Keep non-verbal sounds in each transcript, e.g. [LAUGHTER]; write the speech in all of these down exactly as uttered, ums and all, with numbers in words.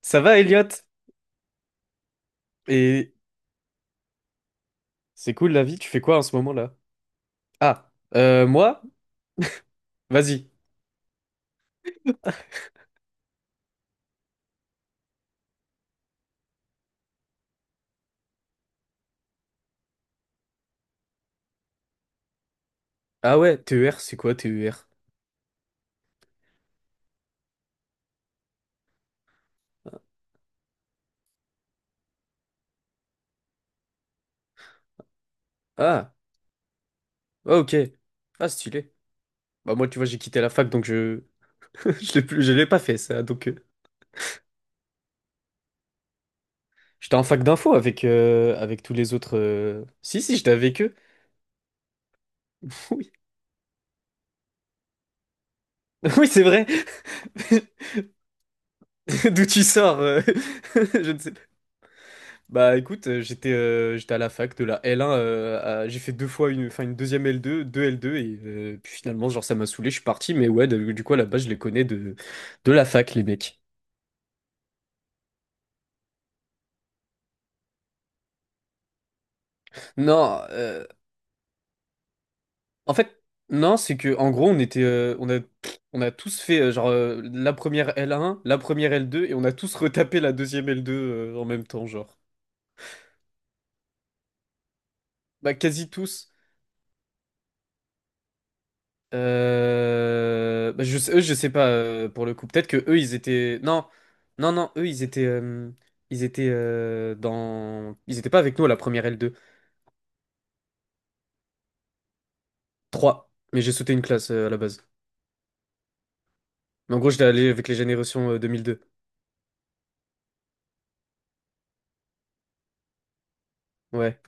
Ça va, Elliot? Et c'est cool la vie, tu fais quoi en ce moment-là? Ah, euh, moi? Vas-y. Ah ouais, T E R, c'est quoi T E R? Ah, ah, ok. Ah, stylé. Bah moi, tu vois, j'ai quitté la fac, donc je [LAUGHS] je l'ai plus... je l'ai pas fait, ça. Donc, euh, j'étais en fac d'info avec, euh, avec tous les autres... euh, Si, si, j'étais avec eux. [LAUGHS] Oui, [LAUGHS] oui, c'est vrai. [LAUGHS] D'où tu sors? euh, [LAUGHS] Je ne sais pas. Bah écoute, euh, j'étais euh, j'étais à la fac de la L un, euh, à- j'ai fait deux fois une, enfin une deuxième L deux, deux L deux et euh, puis finalement genre ça m'a saoulé, je suis parti, mais ouais de- du coup à la base je les connais de, de la fac les mecs. Non, euh, en fait non c'est que en gros on était euh, on a on a tous fait euh, genre euh, la première L un, la première L deux et on a tous [LAUGHS] retapé la deuxième L deux euh, en même temps genre. Bah quasi tous. Euh, bah, je sais, eux, je sais pas euh, pour le coup. Peut-être que eux, ils étaient. Non, non, non. Eux, ils étaient. euh, Ils étaient euh, dans. Ils étaient pas avec nous à la première l deux. Trois. Mais j'ai sauté une classe euh, à la base. Mais en gros, j'étais allé avec les générations euh, deux mille deux. Ouais.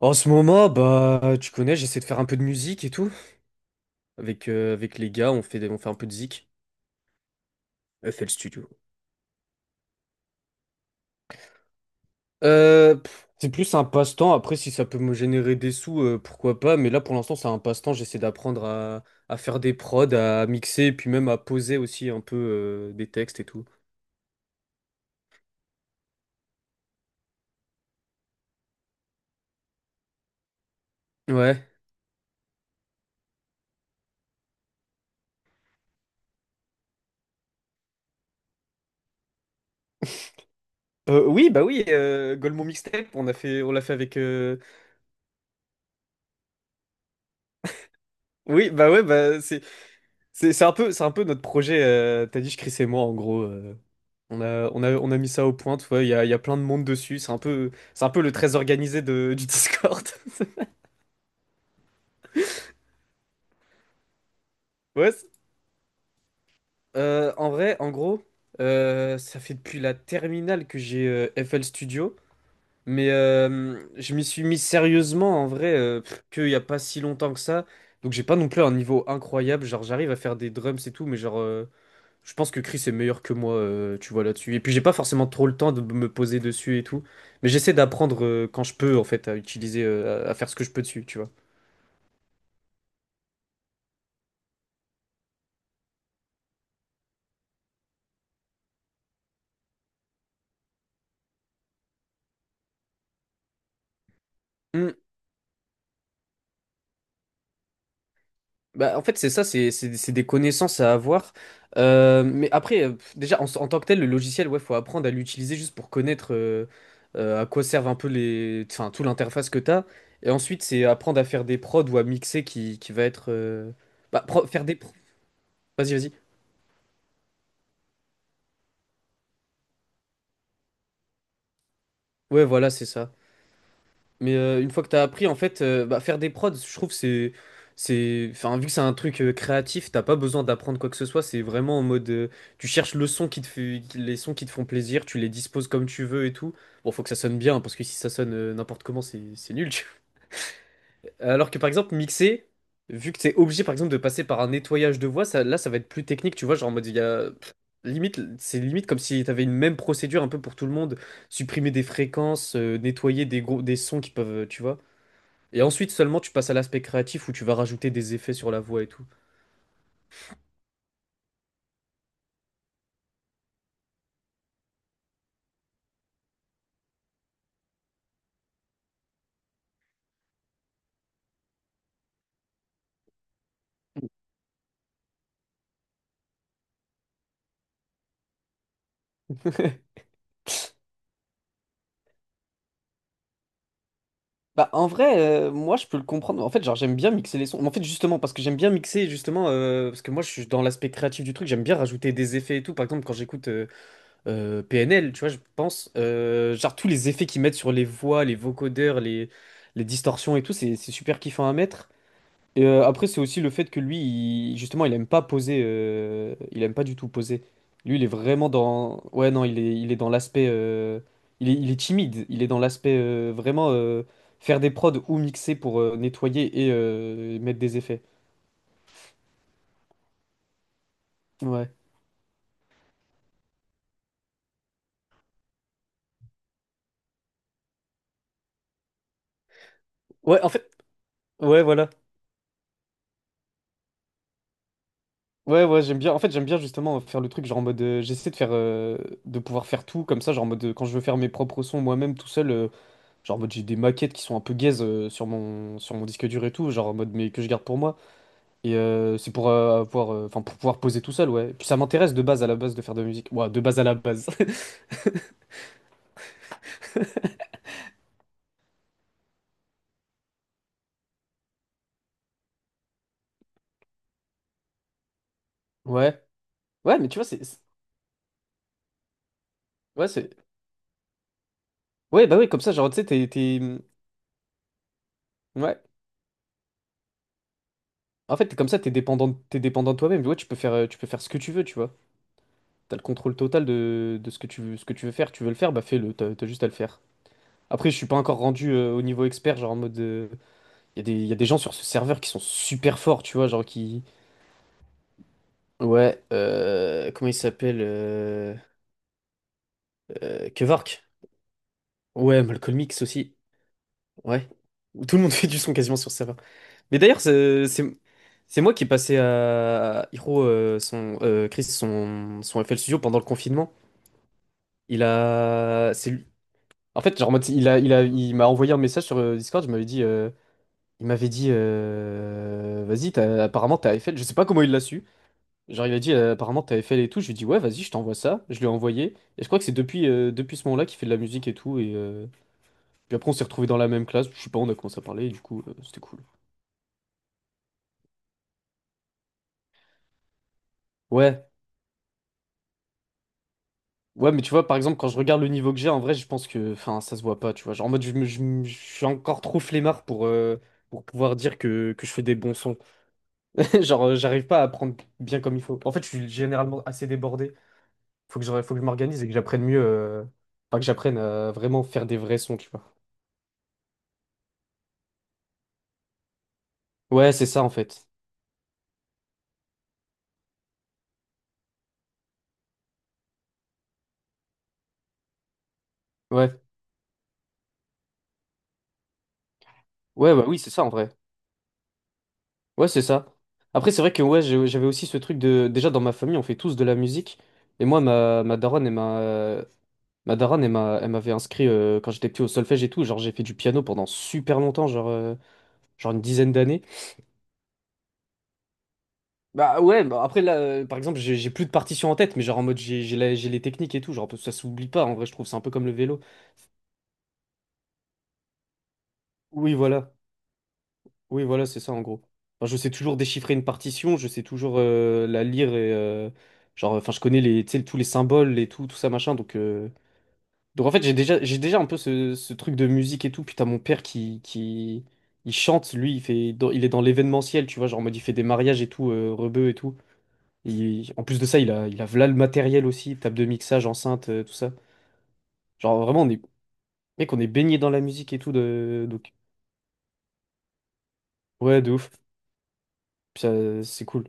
En ce moment, bah, tu connais, j'essaie de faire un peu de musique et tout. Avec, euh, avec les gars, on fait, des- on fait un peu de zik. F L Studio. Euh, pff, c'est plus un passe-temps. Après, si ça peut me générer des sous, euh, pourquoi pas. Mais là, pour l'instant, c'est un passe-temps. J'essaie d'apprendre à, à faire des prods, à mixer, et puis même à poser aussi un peu euh, des textes et tout. Ouais. Euh, oui, bah oui, euh, Golemon Mixtape, on a fait, on l'a fait avec. euh, Oui, bah ouais, bah c'est, c'est, c'est un peu c'est un peu notre projet. euh, T'as dit, je Chris et moi, en gros. euh, on a, on a, on a mis ça au point. Tu vois, il y a, il y a plein de monde dessus. C'est un peu, c'est un peu le très organisé de, du [LAUGHS] Discord. [LAUGHS] Ouais. Euh, en vrai, en gros, euh, ça fait depuis la terminale que j'ai euh, F L Studio, mais euh, je m'y suis mis sérieusement en vrai euh, pff, qu'il n'y a pas si longtemps que ça. Donc j'ai pas non plus un niveau incroyable, genre j'arrive à faire des drums et tout, mais genre euh, je pense que Chris est meilleur que moi, euh, tu vois là-dessus. Et puis j'ai pas forcément trop le temps de me poser dessus et tout, mais j'essaie d'apprendre euh, quand je peux en fait à utiliser, euh, à à faire ce que je peux dessus, tu vois. Hmm. Bah, en fait, c'est ça, c'est c'est- c'est des connaissances à avoir. Euh, mais après, euh, pff, déjà, en, en tant que tel, le logiciel, ouais, faut apprendre à l'utiliser juste pour connaître euh, euh, à quoi servent un peu les, enfin, tout l'interface que t'as. Et ensuite, c'est apprendre à faire des prods ou à mixer qui, qui va être. euh, Bah, pro- faire des. pro- Vas-y, vas-y. Ouais, voilà, c'est ça. Mais euh, une fois que t'as appris, en fait, euh, bah, faire des prods, je trouve, c'est, c'est, enfin, vu que c'est un truc euh, créatif, t'as pas besoin d'apprendre quoi que ce soit. C'est vraiment en mode, euh, tu cherches le son qui te fait, les sons qui te font plaisir, tu les disposes comme tu veux et tout. Bon, faut que ça sonne bien, hein, parce que si ça sonne euh, n'importe comment, c'est, c'est nul, tu vois. Alors que par exemple, mixer, vu que t'es obligé, par exemple, de passer par un nettoyage de voix, ça, là, ça va être plus technique, tu vois, genre en mode, il y a, pff, limite, c'est limite comme si t'avais une même procédure un peu pour tout le monde, supprimer des fréquences, euh, nettoyer des gros, des sons qui peuvent, euh, tu vois. Et ensuite seulement tu passes à l'aspect créatif où tu vas rajouter des effets sur la voix et tout. [LAUGHS] Bah en vrai, euh, moi je peux le comprendre. En fait, genre j'aime bien mixer les sons. En fait, justement, parce que j'aime bien mixer, justement, euh, parce que moi je suis dans l'aspect créatif du truc, j'aime bien rajouter des effets et tout. Par exemple, quand j'écoute euh, euh, P N L, tu vois, je pense, euh, genre tous les effets qu'ils mettent sur les voix, les vocodeurs, les, les distorsions et tout, c'est c'est super kiffant à mettre. Et euh, après, c'est aussi le fait que lui, il- justement, il aime pas poser. Euh, il aime pas du tout poser. Lui, il est vraiment dans. Ouais, non, il est, il est dans l'aspect. euh, il est, il est timide. Il est dans l'aspect euh, vraiment euh, faire des prods ou mixer pour euh, nettoyer et euh, mettre des effets. Ouais. Ouais, en fait. Ouais, voilà. Ouais, ouais, j'aime bien. En fait, j'aime bien justement faire le truc, genre en mode. Euh, j'essaie de faire. Euh, de pouvoir faire tout comme ça, genre en mode. Euh, quand je veux faire mes propres sons moi-même tout seul. euh, Genre, en mode, j'ai des maquettes qui sont un peu gaze euh, sur mon, sur mon disque dur et tout, genre en mode, mais que je garde pour moi. Et euh, c'est pour, euh, avoir, euh, enfin, pour pouvoir poser tout seul, ouais. Et puis ça m'intéresse de base à la base de faire de la musique. Ouais, de base à la base. [LAUGHS] Ouais. Ouais, mais tu vois, c'est. c'est- Ouais, c'est. Ouais, bah oui, comme ça, genre, tu sais, t'es. t'es- mmh. Ouais. En fait, t'es comme ça, t'es dépendant, de- t'es dépendant de toi-même. Ouais, tu peux faire, euh, tu peux faire ce que tu veux, tu vois. T'as le contrôle total de, de ce que tu veux, ce que tu veux faire. Tu veux le faire, bah fais-le. T'as t'as juste à le faire. Après, je suis pas encore rendu euh, au niveau expert, genre en mode. Euh, Il y a des, il y a des gens sur ce serveur qui sont super forts, tu vois, genre qui... Ouais, euh, comment il s'appelle euh, euh, Kevork. Ouais, Malcolm X aussi. Ouais. Tout le monde [LAUGHS] fait du son quasiment sur ce serveur. Mais d'ailleurs, c'est c'est- c'est moi qui ai passé à Hiro, euh, son, euh, Chris, son, son F L Studio pendant le confinement. Il a... C'est lui. En fait, genre, en mode, il a, il a, il m'a envoyé un message sur euh, Discord, je m'avais dit... euh, il m'avait dit... euh, Vas-y, t'as- apparemment, t'as F L. Je sais pas comment il l'a su. Genre, il a dit, euh, apparemment, t'avais fait les touches. Je lui ai dit, ouais, vas-y, je t'envoie ça. Je lui ai envoyé. Et je crois que c'est depuis, euh, depuis ce moment-là qu'il fait de la musique et tout. Et euh, puis après, on s'est retrouvés dans la même classe. Je sais pas, on a commencé à parler. Et du coup, euh, c'était cool. Ouais. Ouais, mais tu vois, par exemple, quand je regarde le niveau que j'ai, en vrai, je pense que, enfin, ça se voit pas, tu vois. Genre, en mode, je, me- je me- je suis encore trop flemmard pour, euh, pour pouvoir dire que, que je fais des bons sons. [LAUGHS] Genre, euh, j'arrive pas à apprendre bien comme il faut. En fait, je suis généralement assez débordé. Faut que je, faut que je m'organise et que j'apprenne mieux. euh, Enfin, que j'apprenne à vraiment faire des vrais sons, tu vois. Ouais, c'est ça, en fait. Ouais, ouais, bah oui, c'est ça en vrai. Ouais, c'est ça. Après, c'est vrai que ouais, j'ai- j'avais aussi ce truc de. Déjà, dans ma famille, on fait tous de la musique. Et moi, ma, ma daronne, elle m'a, ma daronne, elle m'a- elle m'avait inscrit euh, quand j'étais petit au solfège et tout. Genre, j'ai fait du piano pendant super longtemps, genre, euh, genre une dizaine d'années. Bah ouais, bah après, là, euh, par exemple, j'ai j'ai plus de partition en tête, mais genre en mode, j'ai j'ai la- j'ai les techniques et tout. Genre, ça s'oublie pas en vrai, je trouve. C'est un peu comme le vélo. Oui, voilà. Oui, voilà, c'est ça en gros. Enfin, je sais toujours déchiffrer une partition, je sais toujours euh, la lire et euh, genre, enfin, je connais les, tu sais, tous les symboles et tout, tout ça machin. Donc, euh, donc en fait, j'ai déjà, j'ai déjà un peu ce, ce truc de musique et tout. Putain, mon père qui, qui, il chante, lui, il fait, dans- il est dans l'événementiel, tu vois, genre, en mode, il fait des mariages et tout, euh, rebeu et tout. Et en plus de ça, il a, il a v'là le matériel aussi, table de mixage, enceinte, euh, tout ça. Genre, vraiment, on est, mec, on est baigné dans la musique et tout, de, donc, ouais, de ouf. Ça, c'est cool.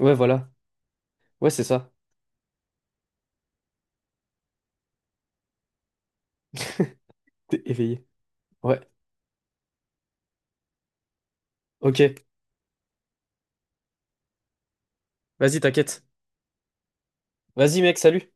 Ouais, voilà. Ouais, c'est ça. T'es éveillé. Ouais, ok. Vas-y, t'inquiète. Vas-y, mec, salut.